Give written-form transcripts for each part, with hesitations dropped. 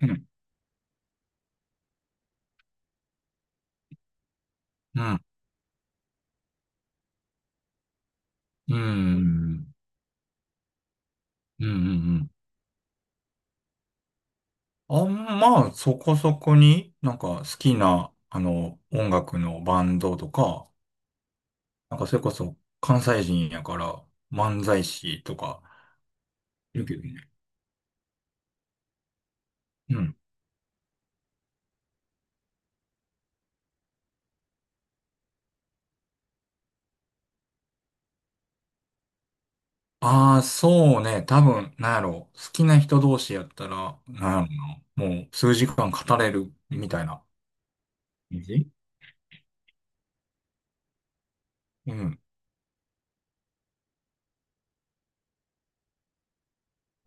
うん、うん、うん、うん、うん。あんまあ、そこそこに、なんか好きな、音楽のバンドとか、なんかそれこそ関西人やから漫才師とか、いるけどね。うん。ああ、そうね。多分、なんやろう好きな人同士やったら、なんやろうな。もう数時間語れるみたいな感じ。うん。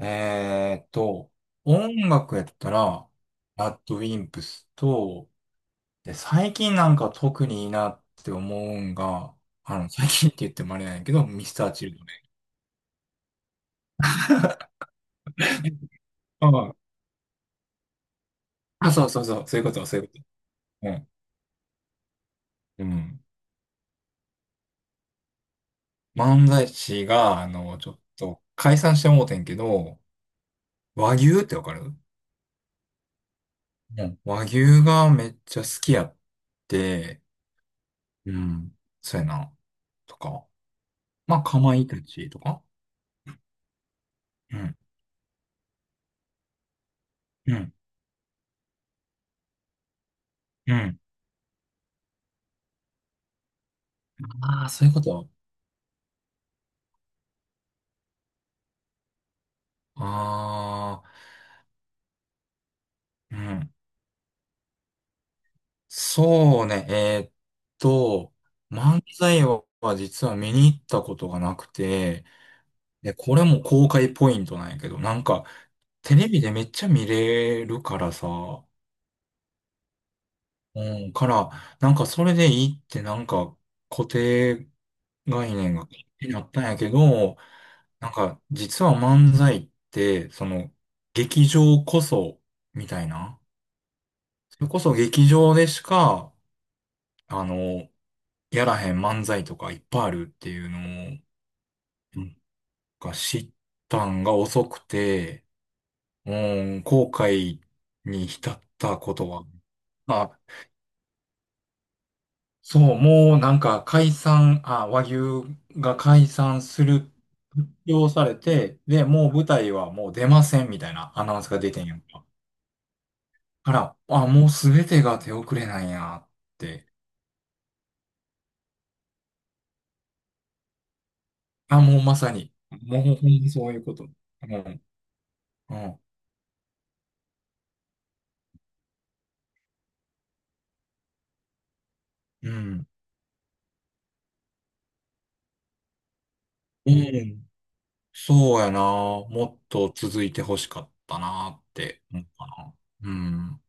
えーっと、音楽やったら、ラッドウィンプスと、で、最近なんか特にいいなって思うんが、最近って言ってもあれなんやけど、ミスターチルドレン。ああ、そうそうそう、そういうこと、そういうこと。うん。うん。漫才師が、ちょっと解散してもうてんけど、和牛ってわかる？うん。和牛がめっちゃ好きやって、うん。そうやな。とか。まあ、かまいたちとか。うん。うん。うん。ああ、そういうこと。ああ。うん。そうね、と、漫才は実は見に行ったことがなくて、で、これも公開ポイントなんやけど、なんか、テレビでめっちゃ見れるからさ、うん、から、なんかそれでいいってなんか固定概念が気になったんやけど、なんか実は漫才って、その劇場こそ、みたいな。それこそ劇場でしかあの、やらへん漫才とかいっぱいあるっていうのを、なんか知ったんが遅くて、もう後悔に浸ったことは、あ、そう、もうなんか解散、和牛が解散する、発表されて、で、もう舞台はもう出ませんみたいなアナウンスが出てんやんか。あら、あ、もうすべてが手遅れなんやって。あ、もうまさに、もうほんまにそういうこと。うん、うん、うん。うん、そうやな。もっと続いて欲しかったなって思うかな。うん。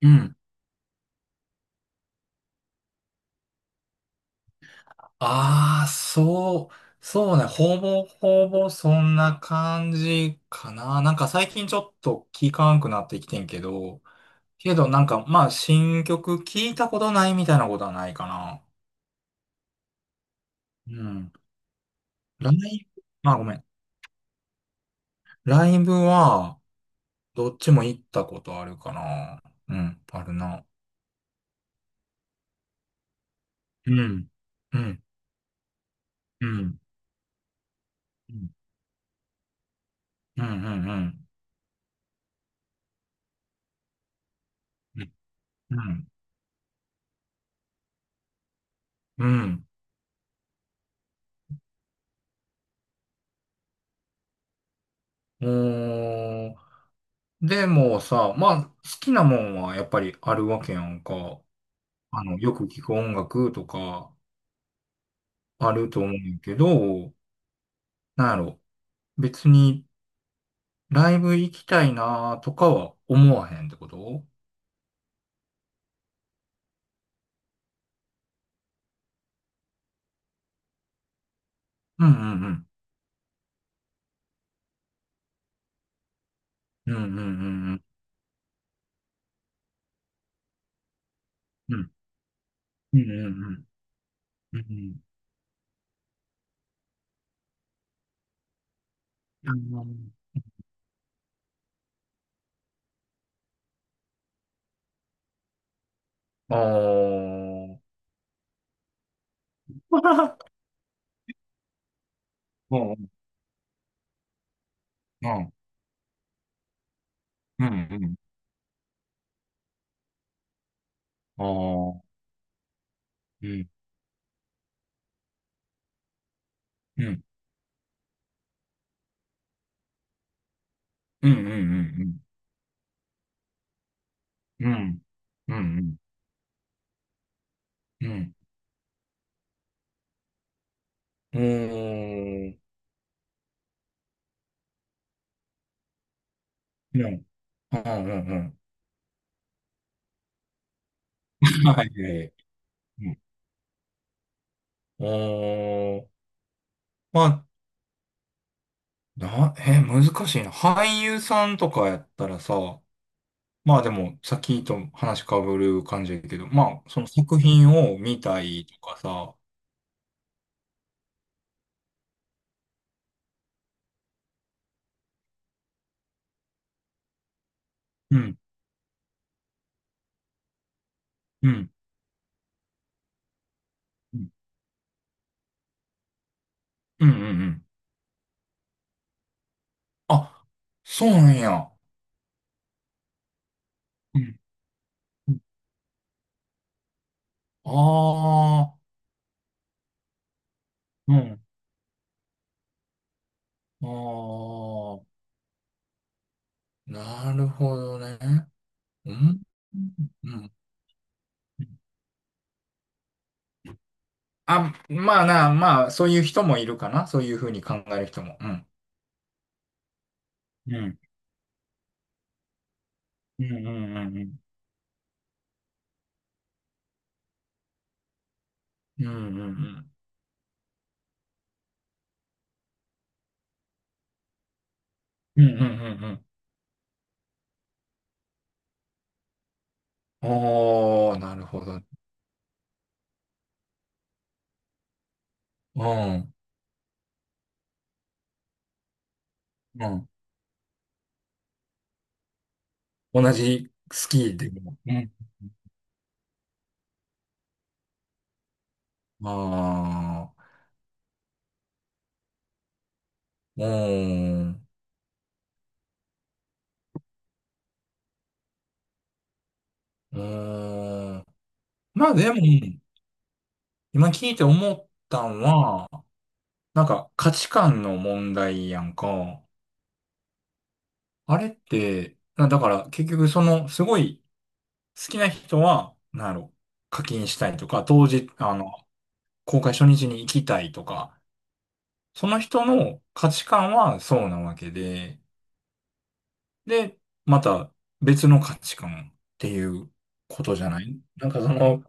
うん。ああ、そう、そうね。ほぼほぼそんな感じかな。なんか最近ちょっと聞かんくなってきてんけど、けどなんかまあ新曲聞いたことないみたいなことはないかな。うん。ライブ、まあごめん。ライブはどっちも行ったことあるかな。うん、あるな。うんうん、うん、うん。うんうんうんうん。うん。おー。でもさ、まあ、好きなもんはやっぱりあるわけやんか。よく聞く音楽とかあると思うんやけど、なんやろ。別にライブ行きたいなとかは思わへんってこと？うんうんうん。うんうんうんうん。うんうんうんうん。うん、あのー。うんうんうん。うんうん。あー。うんうんうんうんうんうん。うんうんうん。うーん。うーん。うんうんうんうん。はい、うん。うん。うーん。まあ、難しいな。俳優さんとかやったらさ、まあでも、さっきと話かぶる感じやけど、まあ、その作品を見たいとかさ、うん、うん、うん、うん、うんうん。あ、そうなんや。うん。ああー、うん。ああ、なるほどね。うん。うん。あ、まあな、まあ、そういう人もいるかな。そういうふうに考える人も。うん。うん。うんうんうんうん。うんうんうん。うんうんうんうん。おー、なるほど。うん。うん。同じスキーでも。うん。ああ、うん。うん。まあでも、今聞いて思ったんは、なんか価値観の問題やんか。あれって、だから結局そのすごい好きな人は、なんやろ、課金したいとか、当時、公開初日に行きたいとか、その人の価値観はそうなわけで、で、また別の価値観っていうことじゃない、なんか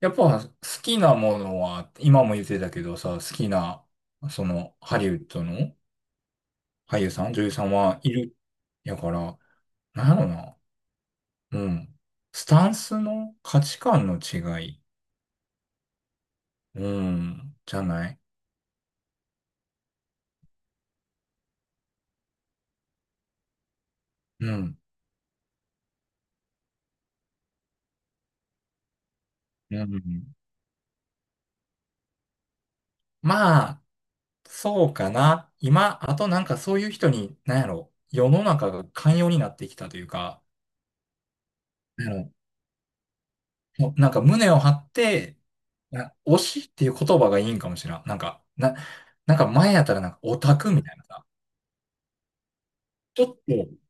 やっぱ好きなものは、今も言ってたけどさ、好きな、そのハリウッドの俳優さん、女優さんはいる。やから、なんやろな。うん。スタンスの価値観の違い。うん。じゃない、うん。うん。まあ、そうかな。今、あとなんかそういう人に、なんやろ、世の中が寛容になってきたというか、なんやろ、なんか胸を張って、推しっていう言葉がいいんかもしれん。なんか、なんか前やったらなんかオタクみたいなさ、ちょっと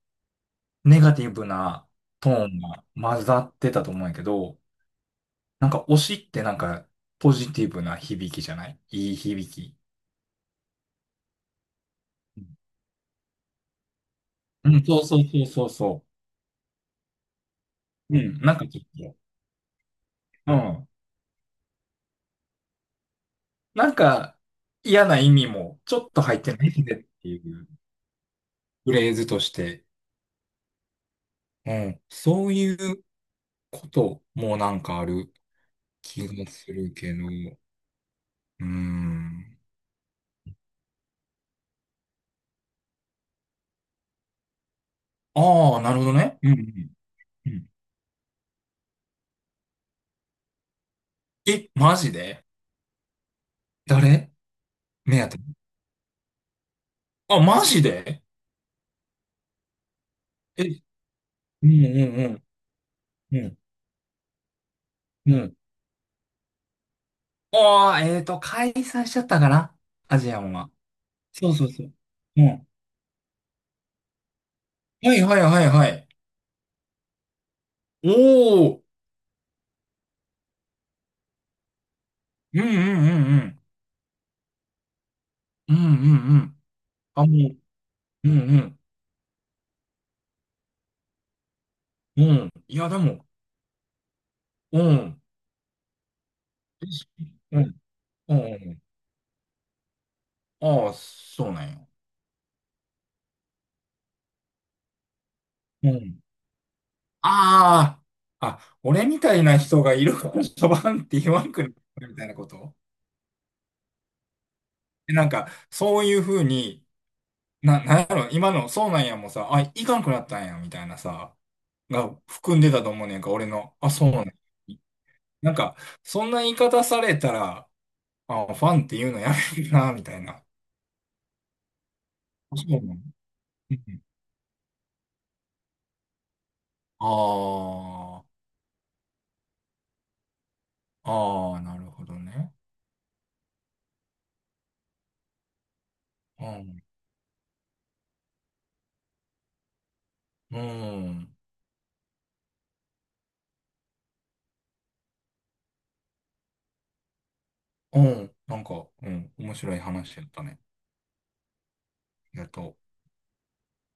ネガティブなトーンが混ざってたと思うんやけど、なんか推しってなんかポジティブな響きじゃないいい響き。うんうん、そうそうそうそうそう。うん、なんかちょっと、うん。なんか嫌な意味もちょっと入ってないねっていうフレーズとして、うん、そういうこともなんかある気がするけど、うん。ああ、なるほどね。うんうんうん。え、マジで誰目当て？あ、マジで？え、うんうんうん。うんうん、ああ、解散しちゃったかなアジアンは。そうそうそう。うん。はいはいはいはい。おお。うんうんうんうん。うんうんうん。あ、もう、うんうん。うん。いや、でも、うん。うん。うん。ああ、そうなんよ。うん。ああ。あ、俺みたいな人がいるから、バンって言わんくなるみたいなこと。なんか、そういうふうに、なんやろ、今の、そうなんやもさ、あ、いかんくなったんや、みたいなさ、が含んでたと思うねんか、俺の、あ、そうなんや。なんか、そんな言い方されたら、あ、ファンっていうのやめるな、みたいな。あ、そうなの？うん、ああ、ああ、なるほどね。うん、うん、うん、なんか、うん、面白い話やったね。ありがとう。